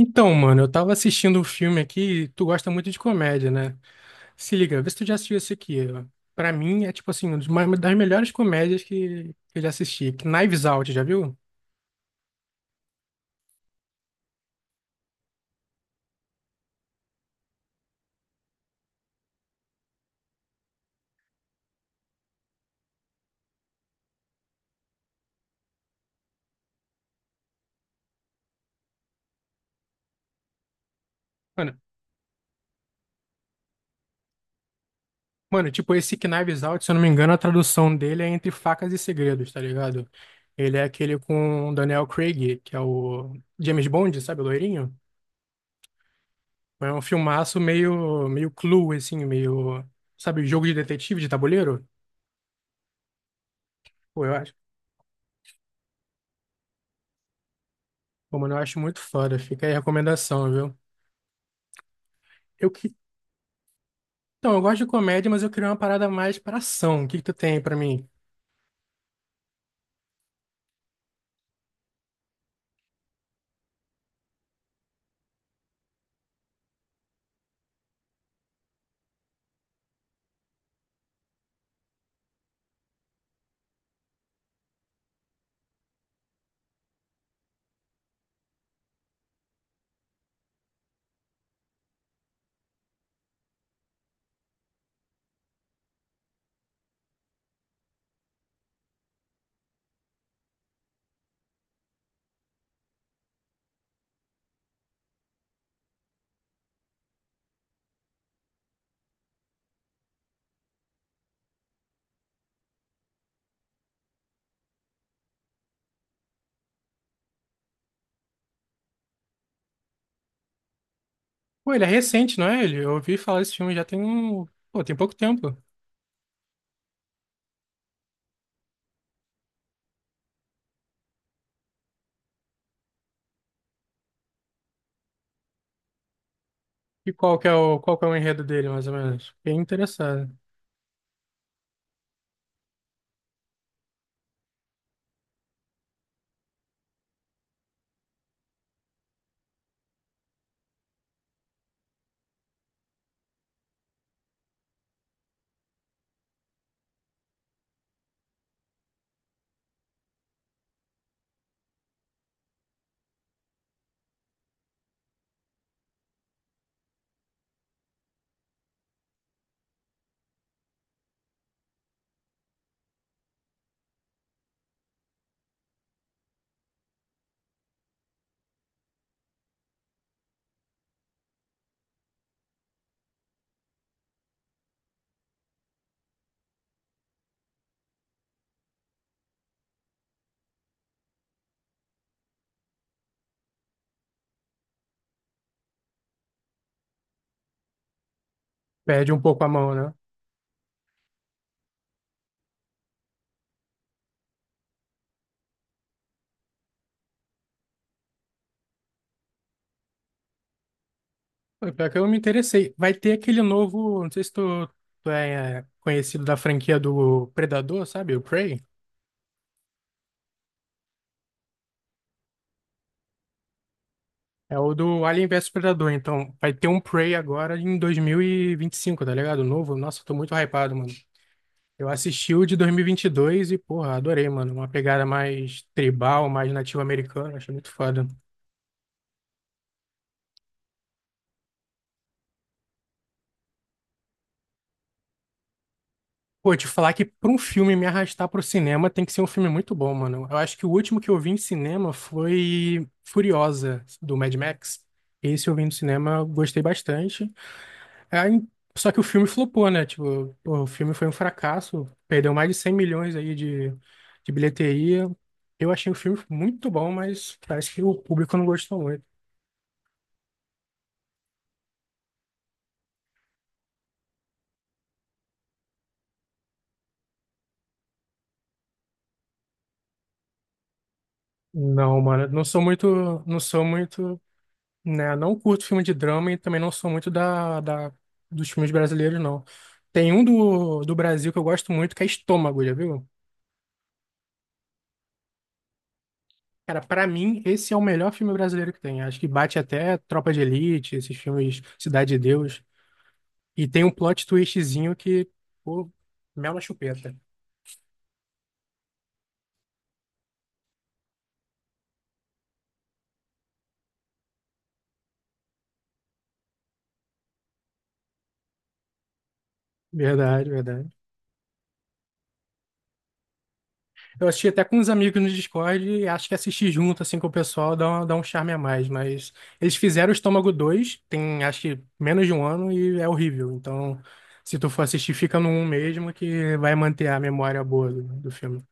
Então, mano, eu tava assistindo um filme aqui, e tu gosta muito de comédia, né? Se liga, vê se tu já assistiu esse aqui. Ó. Pra mim é tipo assim, uma das melhores comédias que eu já assisti. Knives Out, já viu? Mano, mano, tipo, esse Knives Out, se eu não me engano, a tradução dele é Entre Facas e Segredos, tá ligado? Ele é aquele com o Daniel Craig, que é o James Bond, sabe, o loirinho? É um filmaço meio Clue, assim, meio, sabe, jogo de detetive, de tabuleiro? Pô, eu acho. Pô, mano, eu acho muito foda. Fica aí a recomendação, viu? Eu que... Então, eu gosto de comédia, mas eu queria uma parada mais pra ação. O que que tu tem pra mim? Pô, ele é recente, não é ele? Eu ouvi falar desse filme já tem um... Pô, tem pouco tempo. E qual que é o enredo dele, mais ou menos? Fiquei interessado. Perde um pouco a mão, né? Pô, pior que eu me interessei. Vai ter aquele novo... Não sei se tu, tu é, conhecido da franquia do Predador, sabe? O Prey. É o do Alien vs Predador. Então, vai ter um Prey agora em dois mil e vinte e cinco, tá ligado? Novo. Nossa, eu tô muito hypado, mano. Eu assisti o de 2022 e, vinte e dois e, porra, adorei, mano. Uma pegada mais tribal, mais nativo-americana. Achei muito foda. Pô, te falar que pra um filme me arrastar pro cinema tem que ser um filme muito bom, mano. Eu acho que o último que eu vi em cinema foi Furiosa, do Mad Max. Esse eu vi no cinema, eu gostei bastante. Aí, só que o filme flopou, né? Tipo, pô, o filme foi um fracasso. Perdeu mais de 100 milhões aí de bilheteria. Eu achei o filme muito bom, mas parece que o público não gostou muito. Não, mano, não sou muito, né, não curto filme de drama e também não sou muito da dos filmes brasileiros, não. Tem um do Brasil que eu gosto muito, que é Estômago, já viu? Cara, pra mim, esse é o melhor filme brasileiro que tem. Acho que bate até Tropa de Elite, esses filmes Cidade de Deus. E tem um plot twistzinho que, pô, mel na chupeta. Verdade, verdade. Eu assisti até com uns amigos no Discord e acho que assistir junto, assim, com o pessoal dá um charme a mais. Mas eles fizeram o Estômago 2 tem acho que menos de um ano e é horrível. Então, se tu for assistir, fica no 1 mesmo que vai manter a memória boa do filme.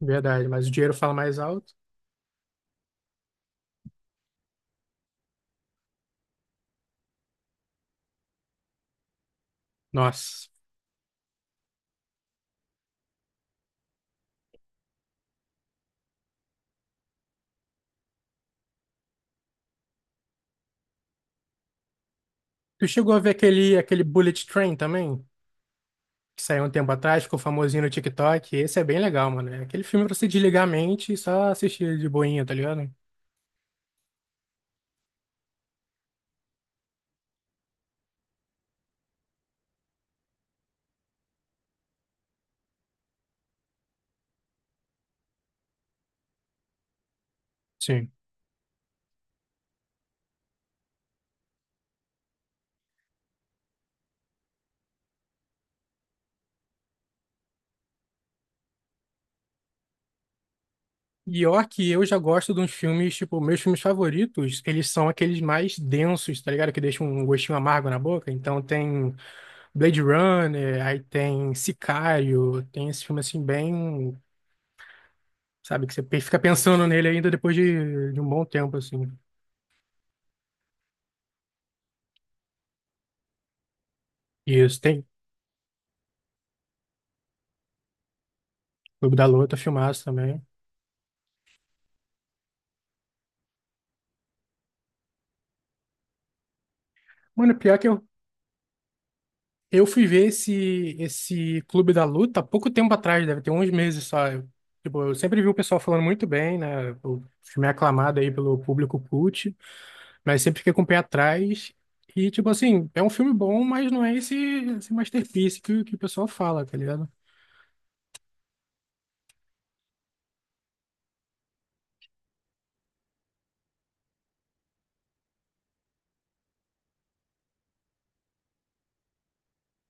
Verdade, mas o dinheiro fala mais alto. Nossa. Tu chegou a ver aquele Bullet Train também? Que saiu um tempo atrás, ficou famosinho no TikTok. Esse é bem legal, mano. É aquele filme pra você desligar a mente e só assistir de boinha, tá ligado? Sim. Pior que eu já gosto de uns filmes, tipo, meus filmes favoritos, eles são aqueles mais densos, tá ligado? Que deixam um gostinho amargo na boca. Então tem Blade Runner, aí tem Sicário, tem esse filme assim bem, sabe, que você fica pensando nele ainda depois de um bom tempo, assim. Isso, tem Clube da Luta, filmaço também. Mano, pior que eu fui ver esse, esse Clube da Luta há pouco tempo atrás, deve ter uns meses só. Eu- Tipo, eu sempre vi o pessoal falando muito bem, né? O filme é aclamado aí pelo público cult. Mas sempre fiquei com o pé atrás. E, tipo assim, é um filme bom, mas não é esse masterpiece que o pessoal fala, tá ligado?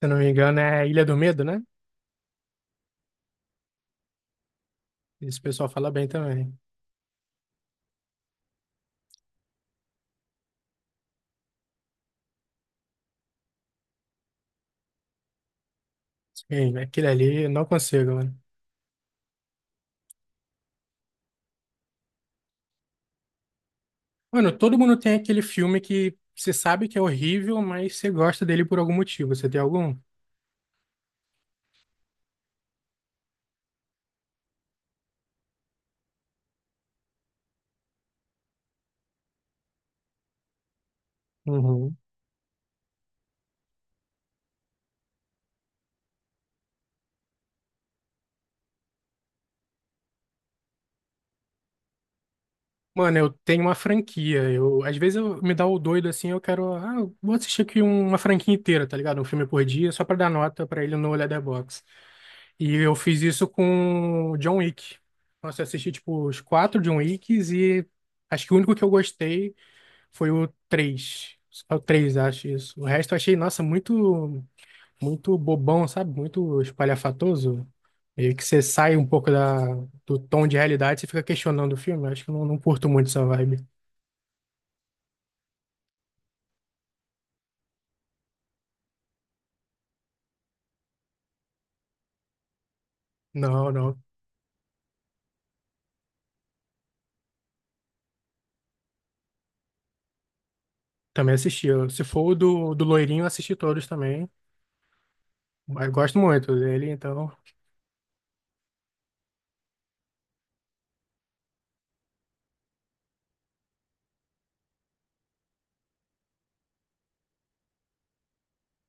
Se eu não me engano, é Ilha do Medo, né? Esse pessoal fala bem também. Sim, aquele ali, eu não consigo, mano. Mano, todo mundo tem aquele filme que você sabe que é horrível, mas você gosta dele por algum motivo. Você tem algum? Uhum. Mano, eu tenho uma franquia. Eu, às vezes eu me dá o doido assim, eu quero, ah, eu vou assistir aqui uma franquia inteira, tá ligado? Um filme por dia, só pra dar nota pra ele no Letterboxd. E eu fiz isso com John Wick. Nossa, eu assisti tipo os quatro John Wicks e acho que o único que eu gostei foi o três. Só o três, acho isso. O resto eu achei, nossa, muito bobão, sabe? Muito espalhafatoso. Meio que você sai um pouco da, do tom de realidade, você fica questionando o filme. Eu acho que eu não curto muito essa vibe. Não, não. Também assisti. Eu- Se for o do Loirinho, eu assisti todos também. Mas gosto muito dele, então.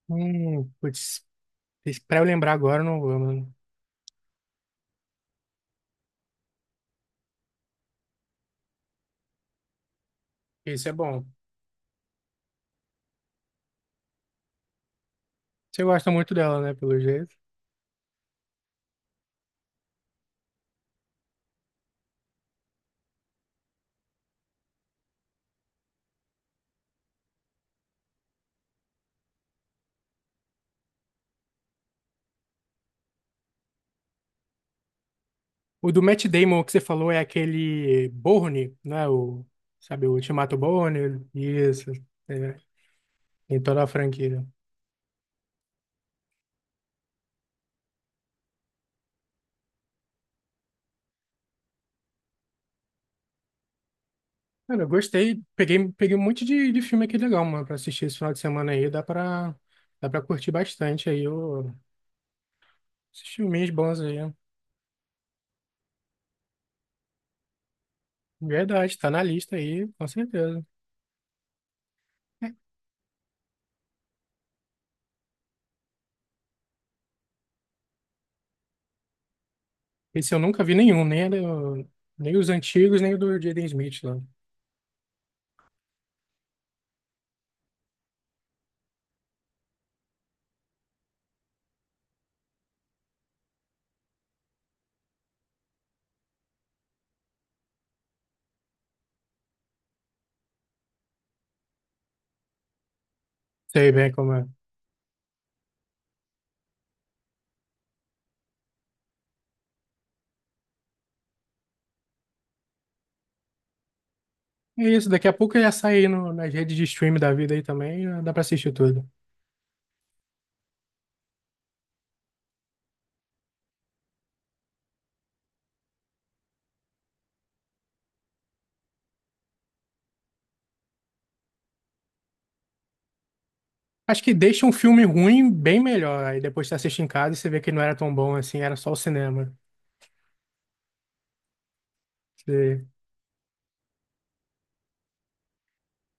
Putz, pra eu lembrar agora, eu não vou, mano. Esse é bom. Você gosta muito dela, né, pelo jeito. O do Matt Damon que você falou é aquele Bourne, né? O, sabe, o Ultimato Bourne. Isso. É, em toda a franquia. Cara, eu gostei. Peguei um monte de filme aqui legal, mano, pra assistir esse final de semana aí. Dá pra curtir bastante aí o- esses filminhos bons aí. Verdade, tá na lista aí, com certeza. É. Esse eu nunca vi nenhum, nem, era nem os antigos, nem o do Jaden Smith lá. Sei bem como é. É isso, daqui a pouco já sai aí no, nas redes de stream da vida aí também, já dá pra assistir tudo. Acho que deixa um filme ruim bem melhor, aí depois você assiste em casa e você vê que não era tão bom assim, era só o cinema. Você-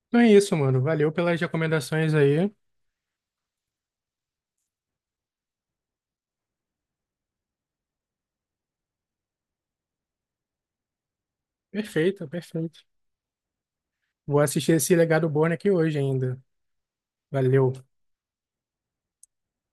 Então é isso, mano, valeu pelas recomendações aí. Perfeito, perfeito. Vou assistir esse Legado Born aqui hoje ainda. Valeu.